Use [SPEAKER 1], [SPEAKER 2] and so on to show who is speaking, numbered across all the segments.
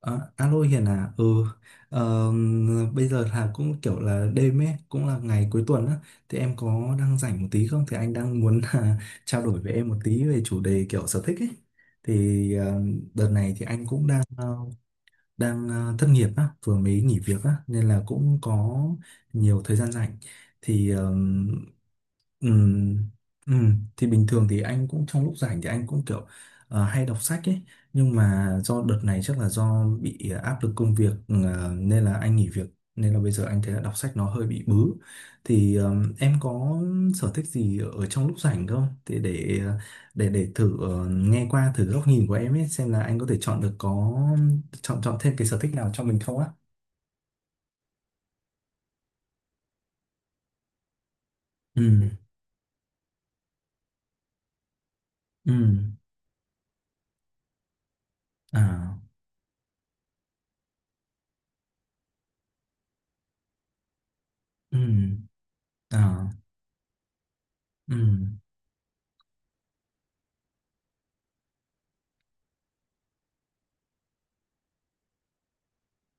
[SPEAKER 1] Ờ, Alo Hiền à, ờ, bây giờ là cũng kiểu là đêm ấy cũng là ngày cuối tuần á, thì em có đang rảnh một tí không? Thì anh đang muốn là trao đổi với em một tí về chủ đề kiểu sở thích ấy. Thì đợt này thì anh cũng đang thất nghiệp á, vừa mới nghỉ việc á, nên là cũng có nhiều thời gian rảnh. thì ờ, Ừ, ừ. Thì bình thường thì anh cũng trong lúc rảnh thì anh cũng kiểu hay đọc sách ấy, nhưng mà do đợt này chắc là do bị áp lực công việc nên là anh nghỉ việc, nên là bây giờ anh thấy là đọc sách nó hơi bị bứ. Thì em có sở thích gì ở trong lúc rảnh không, thì để thử nghe qua thử góc nhìn của em ấy, xem là anh có thể chọn được, có chọn chọn thêm cái sở thích nào cho mình không á? Ừ. Ừ. À. Ừ. À. Ừ.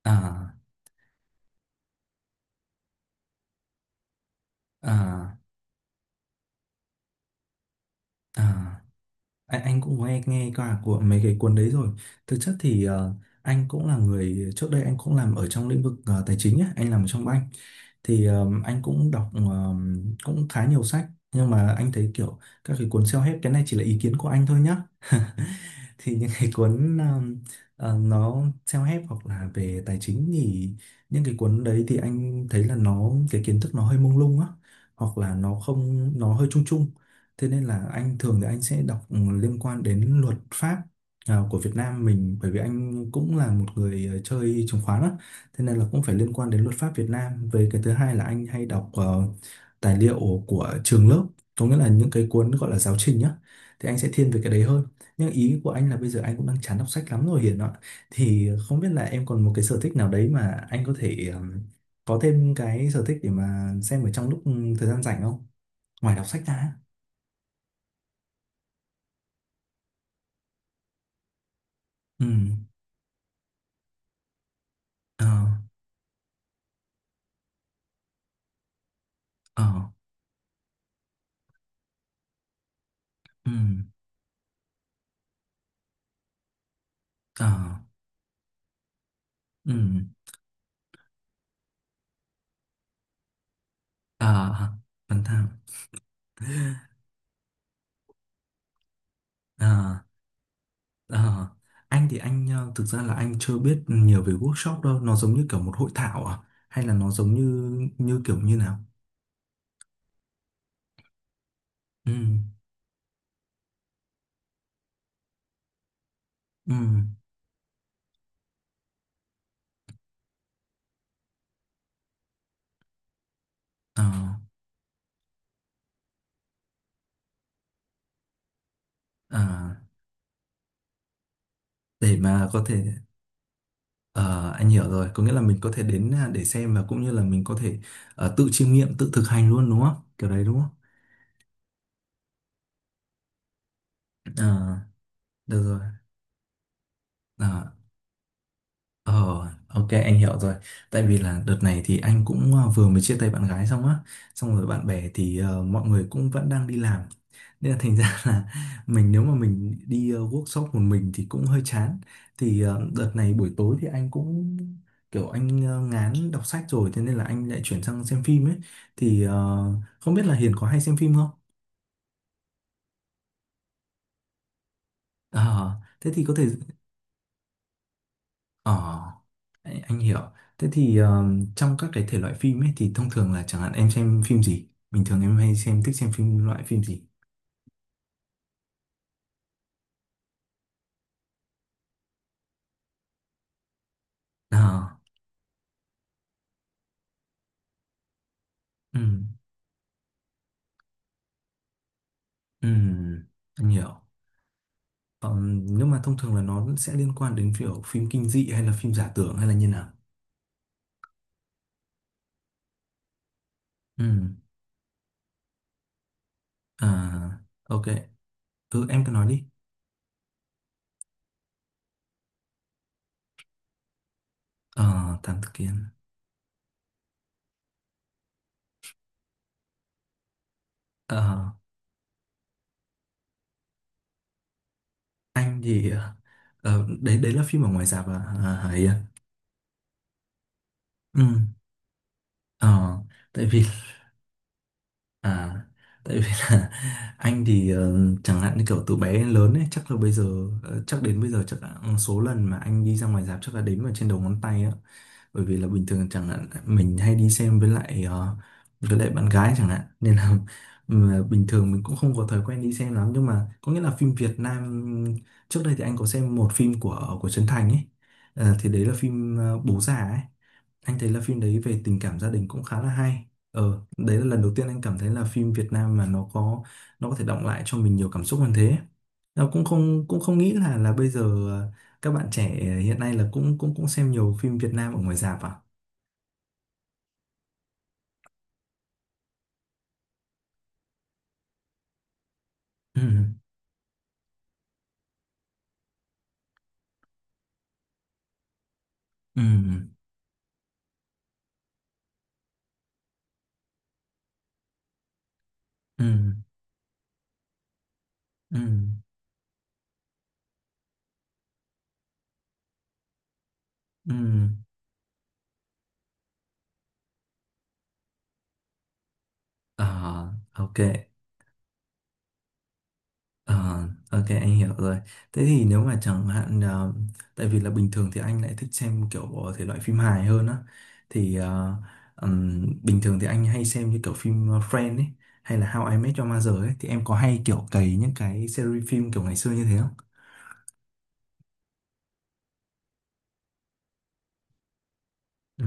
[SPEAKER 1] À. À. À, anh cũng nghe nghe qua của mấy cái cuốn đấy rồi. Thực chất thì anh cũng là người trước đây anh cũng làm ở trong lĩnh vực tài chính á, anh làm ở trong bank. Thì anh cũng đọc cũng khá nhiều sách, nhưng mà anh thấy kiểu các cái cuốn self-help, cái này chỉ là ý kiến của anh thôi nhá. Thì những cái cuốn nó self-help hoặc là về tài chính thì những cái cuốn đấy thì anh thấy là nó, cái kiến thức nó hơi mông lung á, hoặc là nó không, nó hơi chung chung. Thế nên là anh thường thì anh sẽ đọc liên quan đến luật pháp, à, của Việt Nam mình, bởi vì anh cũng là một người chơi chứng khoán á, thế nên là cũng phải liên quan đến luật pháp Việt Nam. Về cái thứ hai là anh hay đọc tài liệu của trường lớp, có nghĩa là những cái cuốn gọi là giáo trình nhá. Thì anh sẽ thiên về cái đấy hơn. Nhưng ý của anh là bây giờ anh cũng đang chán đọc sách lắm rồi Hiền ạ. Thì không biết là em còn một cái sở thích nào đấy mà anh có thể có thêm cái sở thích để mà xem ở trong lúc thời gian rảnh không? Ngoài đọc sách ra. Ừ. Ờ. Ờ. Ừ. Ờ. Ừ. Ờ. Bán thảo. Ờ. Ờ. Anh thì anh thực ra là anh chưa biết nhiều về workshop đâu, nó giống như kiểu một hội thảo à? Hay là nó giống như như kiểu như nào? Ừ. Ừ. Ờ. Ờ. để mà có thể ờ Anh hiểu rồi, có nghĩa là mình có thể đến, à, để xem và cũng như là mình có thể tự chiêm nghiệm, tự thực hành luôn, đúng không? Kiểu đấy đúng không? Ờ. Được rồi. Ờ, Ờ, ok, anh hiểu rồi. Tại vì là đợt này thì anh cũng vừa mới chia tay bạn gái xong á, xong rồi bạn bè thì mọi người cũng vẫn đang đi làm. Nên là thành ra là mình nếu mà mình đi workshop một mình thì cũng hơi chán. Thì đợt này buổi tối thì anh cũng kiểu anh ngán đọc sách rồi, thế nên là anh lại chuyển sang xem phim ấy. Thì không biết là Hiền có hay xem phim không? Ờ, thế thì có thể. Ờ, anh hiểu. Thế thì trong các cái thể loại phim ấy thì thông thường là chẳng hạn em xem phim gì? Bình thường em hay xem, thích xem phim, loại phim gì? À. Ừ, ừ, anh hiểu. Nhưng mà thông thường là nó sẽ liên quan đến kiểu phim kinh dị hay là phim giả tưởng hay là như nào? Ừ. À, ok. Ừ, em cứ nói đi. Ờ, Thám Tử Kiên. Ờ, anh thì... đấy đấy là phim ở ngoài rạp à? À, Hải à? Ừ. Ờ, tại vì À, tại vì là anh thì chẳng hạn như kiểu từ bé đến lớn ấy, chắc là bây giờ chắc đến bây giờ chắc là số lần mà anh đi ra ngoài rạp chắc là đếm vào trên đầu ngón tay á, bởi vì là bình thường chẳng hạn mình hay đi xem với lại với lại bạn gái chẳng hạn nên là mà bình thường mình cũng không có thói quen đi xem lắm, nhưng mà có nghĩa là phim Việt Nam trước đây thì anh có xem một phim của Trấn Thành ấy, Ờ, thì đấy là phim Bố Già ấy. Anh thấy là phim đấy về tình cảm gia đình cũng khá là hay. Ờ, đấy là lần đầu tiên anh cảm thấy là phim Việt Nam mà nó có thể đọng lại cho mình nhiều cảm xúc hơn thế. Nó cũng không nghĩ là bây giờ ờ, các bạn trẻ hiện nay là cũng cũng cũng xem nhiều phim Việt Nam ở ngoài rạp à? Ừ, ừ, ừ, ừ, ừ. Ừ. Ờ, ok. Ờ, ok, anh hiểu rồi. Thế thì nếu mà chẳng hạn tại vì là bình thường thì anh lại thích xem kiểu thể loại phim hài hơn á, thì bình thường thì anh hay xem như kiểu phim Friends ấy hay là How I Met Your Mother ấy, thì em có hay kiểu cày những cái series phim kiểu ngày xưa như thế không? Ừ.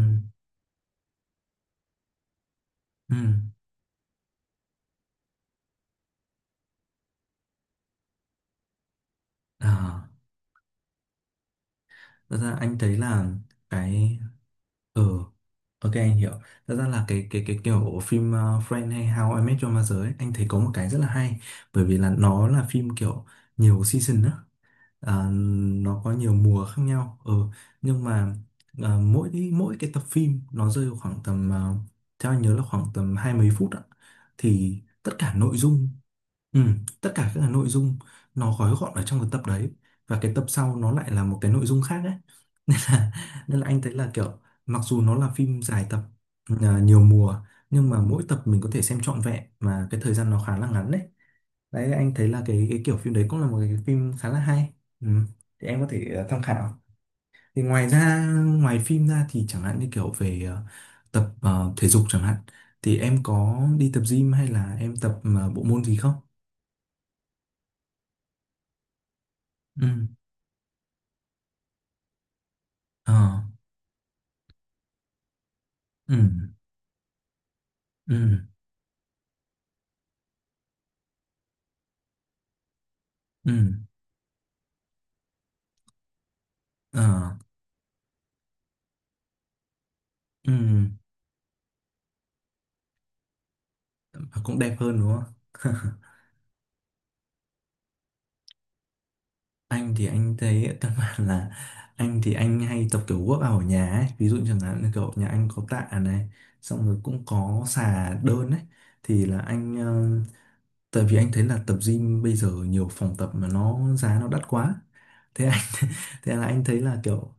[SPEAKER 1] Ừ. Thật ra anh thấy là cái... ừ ok, anh hiểu. Thật ra là cái kiểu phim Friends hay How I Met Your Mother ấy, anh thấy có một cái rất là hay, bởi vì là nó là phim kiểu nhiều season á, à, nó có nhiều mùa khác nhau. Ừ, nhưng mà à, mỗi mỗi cái tập phim nó rơi vào khoảng tầm, à, theo anh nhớ là khoảng tầm hai mấy phút ạ, thì tất cả nội dung... Ừ, tất cả các cái nội dung nó gói gọn ở trong cái tập đấy, và cái tập sau nó lại là một cái nội dung khác ấy, nên là anh thấy là kiểu mặc dù nó là phim dài tập, à, nhiều mùa, nhưng mà mỗi tập mình có thể xem trọn vẹn mà cái thời gian nó khá là ngắn đấy. Đấy anh thấy là cái kiểu phim đấy cũng là một cái phim khá là hay. Ừ. Thì em có thể tham khảo. Thì ngoài ra, ngoài phim ra thì chẳng hạn như kiểu về tập thể dục chẳng hạn, thì em có đi tập gym hay là em tập bộ môn gì không? Ừ. Ờ. Ừ. Ừ. Ừ. Ờ. Ừ. Và cũng đẹp hơn đúng không? Anh thì anh thấy căn bản là anh thì anh hay tập kiểu work out ở nhà ấy, ví dụ chẳng hạn như kiểu nhà anh có tạ này, xong rồi cũng có xà đơn ấy. Thì là anh tại vì anh thấy là tập gym bây giờ nhiều phòng tập mà nó giá nó đắt quá, thế anh... Thế là anh thấy là kiểu...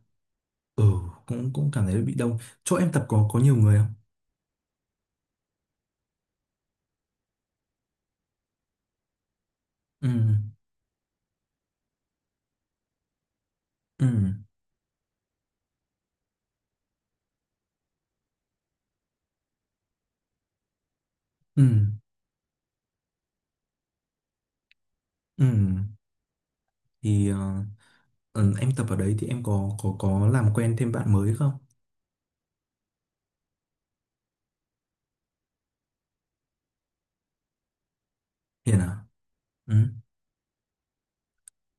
[SPEAKER 1] ừ cũng cũng cảm thấy bị đông. Chỗ em tập có nhiều người không? Ừ. Ừ. Ừ. Ừ. Thì em tập ở đấy thì em có làm quen thêm bạn mới không? Hiền à? Ừ.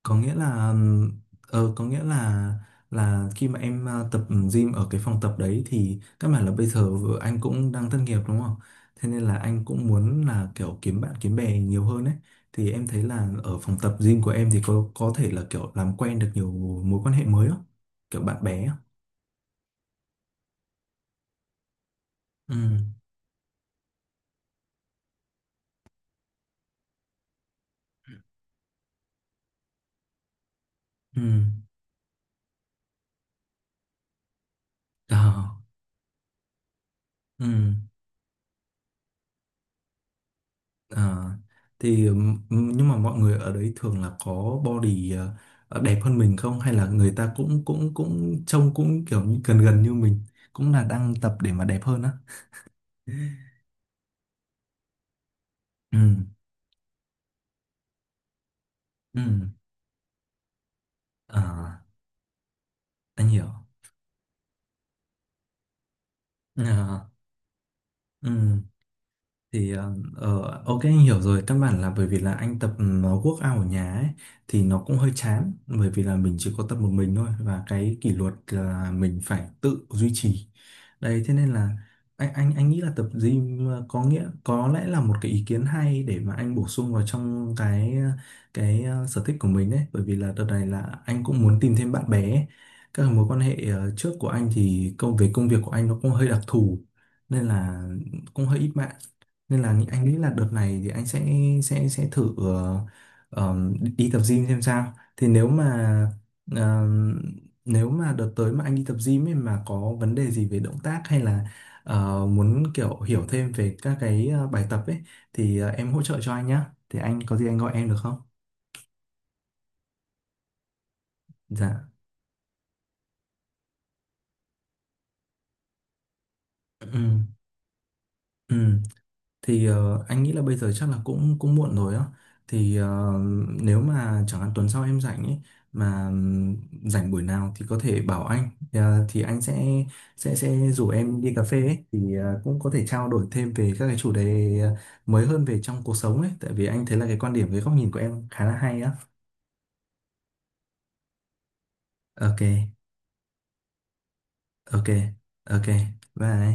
[SPEAKER 1] Có nghĩa là có nghĩa là khi mà em tập gym ở cái phòng tập đấy thì các bạn là bây giờ anh cũng đang thất nghiệp đúng không, thế nên là anh cũng muốn là kiểu kiếm bạn kiếm bè nhiều hơn ấy, thì em thấy là ở phòng tập gym của em thì có thể là kiểu làm quen được nhiều mối quan hệ mới không? Kiểu bạn bè á. Ừ. Ừ. Ờ. Ừ. À, thì nhưng mà mọi người ở đấy thường là có body đẹp hơn mình không, hay là người ta cũng cũng cũng trông cũng kiểu như gần gần như mình cũng là đang tập để mà đẹp hơn á? Ừ. Ừ. À, anh hiểu. À, ừ, thì ok, anh hiểu rồi. Căn bản là bởi vì là anh tập nó workout ở nhà ấy, thì nó cũng hơi chán bởi vì là mình chỉ có tập một mình thôi, và cái kỷ luật là mình phải tự duy trì. Đấy, thế nên là anh nghĩ là tập gym có nghĩa có lẽ là một cái ý kiến hay để mà anh bổ sung vào trong cái, sở thích của mình đấy, bởi vì là đợt này là anh cũng muốn tìm thêm bạn bè ấy. Các mối quan hệ trước của anh thì về công việc của anh nó cũng hơi đặc thù, nên là cũng hơi ít bạn. Nên là anh nghĩ là đợt này thì anh sẽ sẽ thử đi tập gym xem sao. Thì nếu mà ờm, nếu mà đợt tới mà anh đi tập gym ấy mà có vấn đề gì về động tác hay là muốn kiểu hiểu thêm về các cái bài tập ấy, thì em hỗ trợ cho anh nhá. Thì anh có gì anh gọi em được không? Dạ. Ừ. Ừ. Thì anh nghĩ là bây giờ chắc là cũng cũng muộn rồi á. Thì nếu mà chẳng hạn tuần sau em rảnh ấy mà rảnh buổi nào thì có thể bảo anh. Ờ, thì anh sẽ sẽ rủ em đi cà phê ấy, thì cũng có thể trao đổi thêm về các cái chủ đề mới hơn về trong cuộc sống ấy, tại vì anh thấy là cái quan điểm, cái góc nhìn của em khá là hay á. Ok. Ok. Ok. Bye.